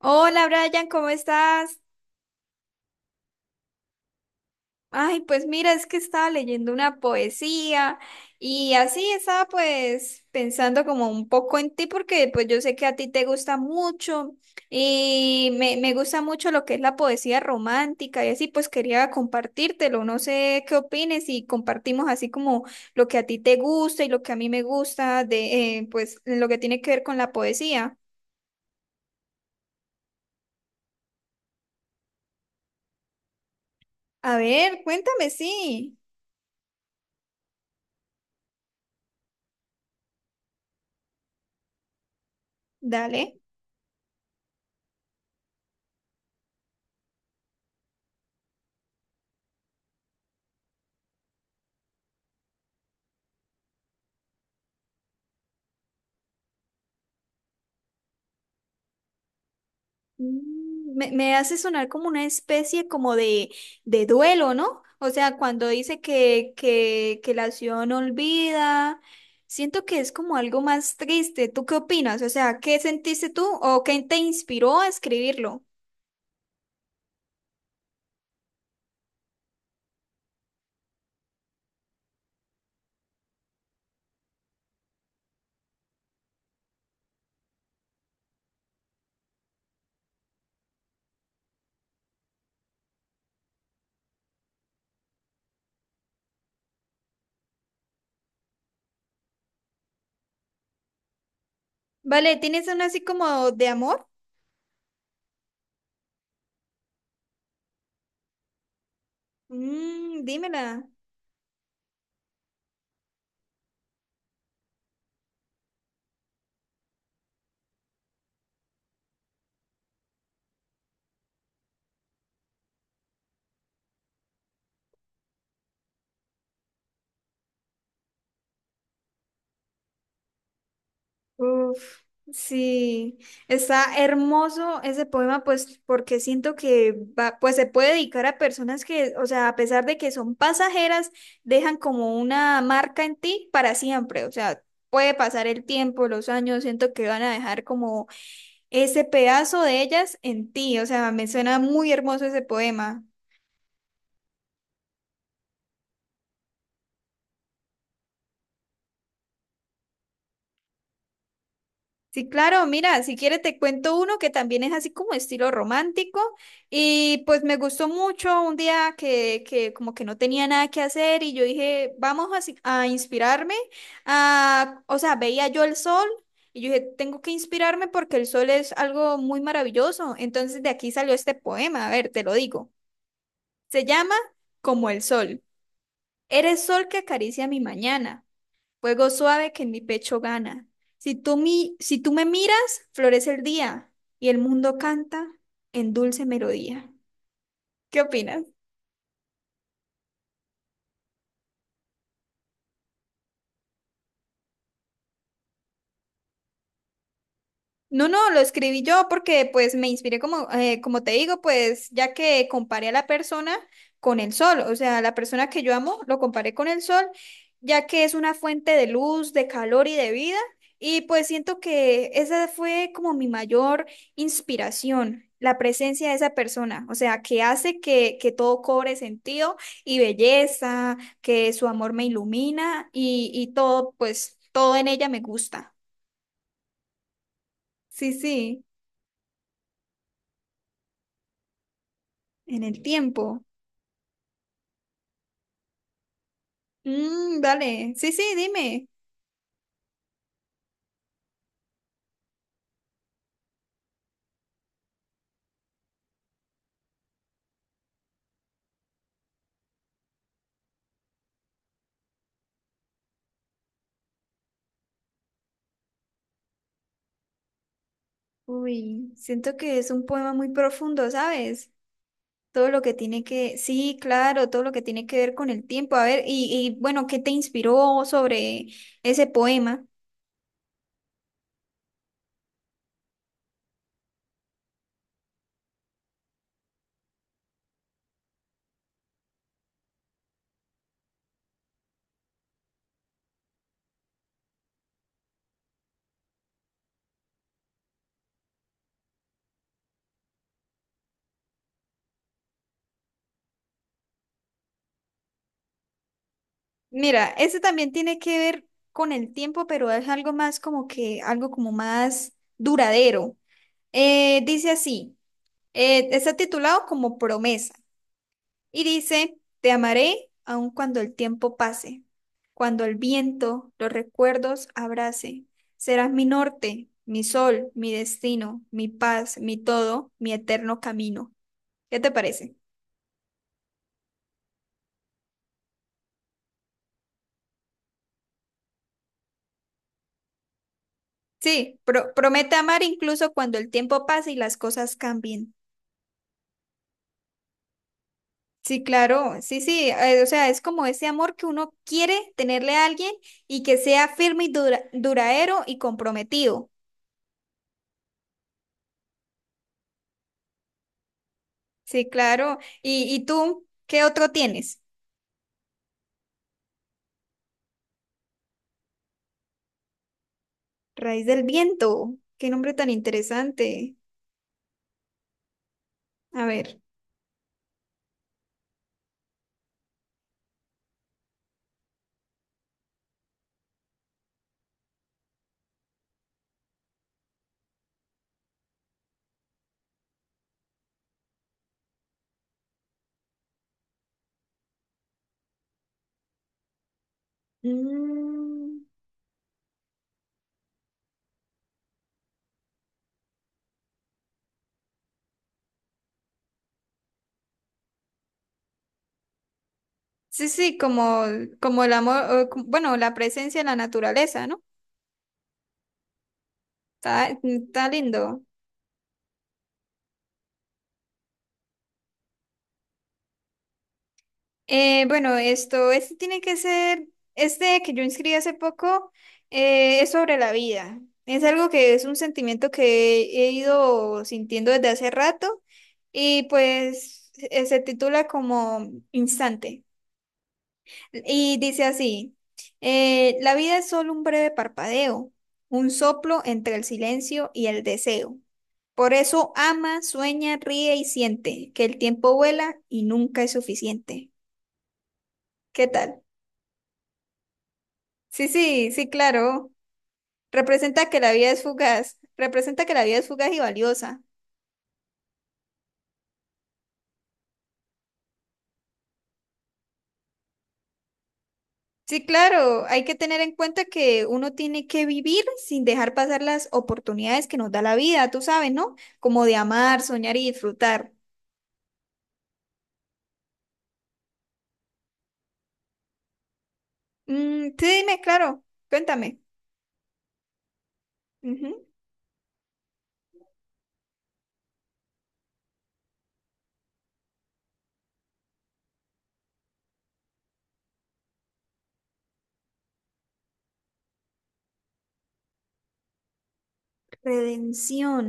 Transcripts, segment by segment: Hola Brian, ¿cómo estás? Ay, pues mira, es que estaba leyendo una poesía y así estaba pues pensando como un poco en ti porque pues yo sé que a ti te gusta mucho y me gusta mucho lo que es la poesía romántica y así pues quería compartírtelo, no sé qué opines y compartimos así como lo que a ti te gusta y lo que a mí me gusta de pues lo que tiene que ver con la poesía. A ver, cuéntame, sí, dale. Mm, Me hace sonar como una especie como de duelo, ¿no? O sea, cuando dice que, que la acción olvida, siento que es como algo más triste. ¿Tú qué opinas? O sea, ¿qué sentiste tú o qué te inspiró a escribirlo? Vale, ¿tienes una así como de amor? Mm, dímela. Uf, sí, está hermoso ese poema, pues porque siento que va, pues se puede dedicar a personas que, o sea, a pesar de que son pasajeras, dejan como una marca en ti para siempre, o sea, puede pasar el tiempo, los años, siento que van a dejar como ese pedazo de ellas en ti, o sea, me suena muy hermoso ese poema. Sí, claro, mira, si quieres te cuento uno que también es así como estilo romántico y pues me gustó mucho un día que como que no tenía nada que hacer y yo dije, vamos así a inspirarme, a, o sea, veía yo el sol y yo dije, tengo que inspirarme porque el sol es algo muy maravilloso. Entonces de aquí salió este poema, a ver, te lo digo. Se llama Como el sol. Eres sol que acaricia mi mañana, fuego suave que en mi pecho gana. Si tú me miras, florece el día y el mundo canta en dulce melodía. ¿Qué opinas? No, no, lo escribí yo porque pues me inspiré como, como te digo, pues ya que comparé a la persona con el sol, o sea, la persona que yo amo lo comparé con el sol, ya que es una fuente de luz, de calor y de vida, y pues siento que esa fue como mi mayor inspiración, la presencia de esa persona, o sea, que hace que todo cobre sentido y belleza, que su amor me ilumina y todo, pues todo en ella me gusta. Sí, sí. En el tiempo. Mm, dale. Sí, sí, dime. Uy, siento que es un poema muy profundo, ¿sabes? Todo lo que tiene que, sí, claro, todo lo que tiene que ver con el tiempo. A ver, y bueno, ¿qué te inspiró sobre ese poema? Mira, ese también tiene que ver con el tiempo, pero es algo más como que, algo como más duradero. Dice así, está titulado como Promesa. Y dice, te amaré aun cuando el tiempo pase, cuando el viento los recuerdos abrace. Serás mi norte, mi sol, mi destino, mi paz, mi todo, mi eterno camino. ¿Qué te parece? Sí, promete amar incluso cuando el tiempo pase y las cosas cambien. Sí, claro, sí, sí, o sea, es como ese amor que uno quiere tenerle a alguien y que sea firme y duradero y comprometido. Sí, claro. ¿Y tú qué otro tienes? Raíz del viento. Qué nombre tan interesante. A ver. Mm, sí, sí, como, como el amor, o como... bueno, la presencia de la naturaleza, ¿no? Está, está lindo. Bueno, este tiene que ser, este que yo inscribí hace poco, es sobre la vida. Es algo que es un sentimiento que he ido sintiendo desde hace rato y pues se titula como Instante. Y dice así, la vida es solo un breve parpadeo, un soplo entre el silencio y el deseo. Por eso ama, sueña, ríe y siente que el tiempo vuela y nunca es suficiente. ¿Qué tal? Sí, sí, sí, claro. Representa que la vida es fugaz. Representa que la vida es fugaz y valiosa. Sí, claro. Hay que tener en cuenta que uno tiene que vivir sin dejar pasar las oportunidades que nos da la vida, tú sabes, ¿no? Como de amar, soñar y disfrutar. Mm, sí, dime, claro, cuéntame. Ujú. Redención.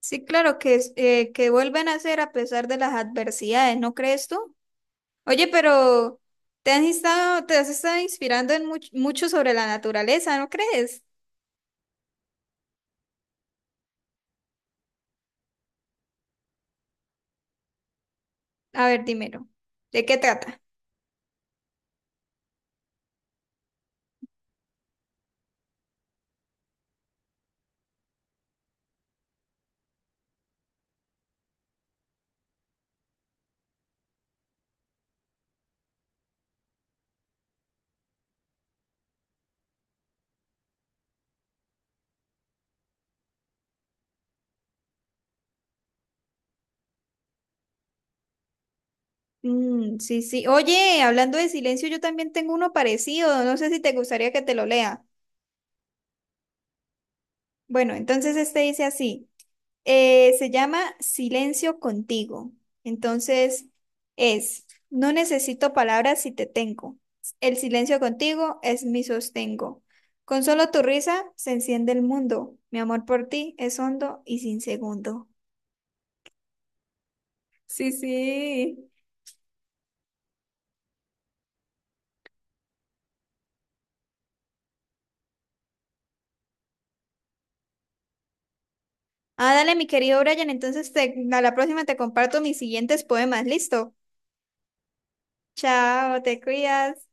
Sí, claro, que, que vuelven a ser a pesar de las adversidades, ¿no crees tú? Oye, pero te has estado inspirando en mucho sobre la naturaleza, ¿no crees? A ver, dímelo. ¿De qué trata? Mm, sí, sí. Oye, hablando de silencio, yo también tengo uno parecido. No sé si te gustaría que te lo lea. Bueno, entonces este dice así. Se llama Silencio contigo. Entonces es, no necesito palabras si te tengo. El silencio contigo es mi sostengo. Con solo tu risa se enciende el mundo. Mi amor por ti es hondo y sin segundo. Sí, sí. Ah, dale, mi querido Brian. Entonces a la próxima te comparto mis siguientes poemas. ¿Listo? Chao, te cuidas.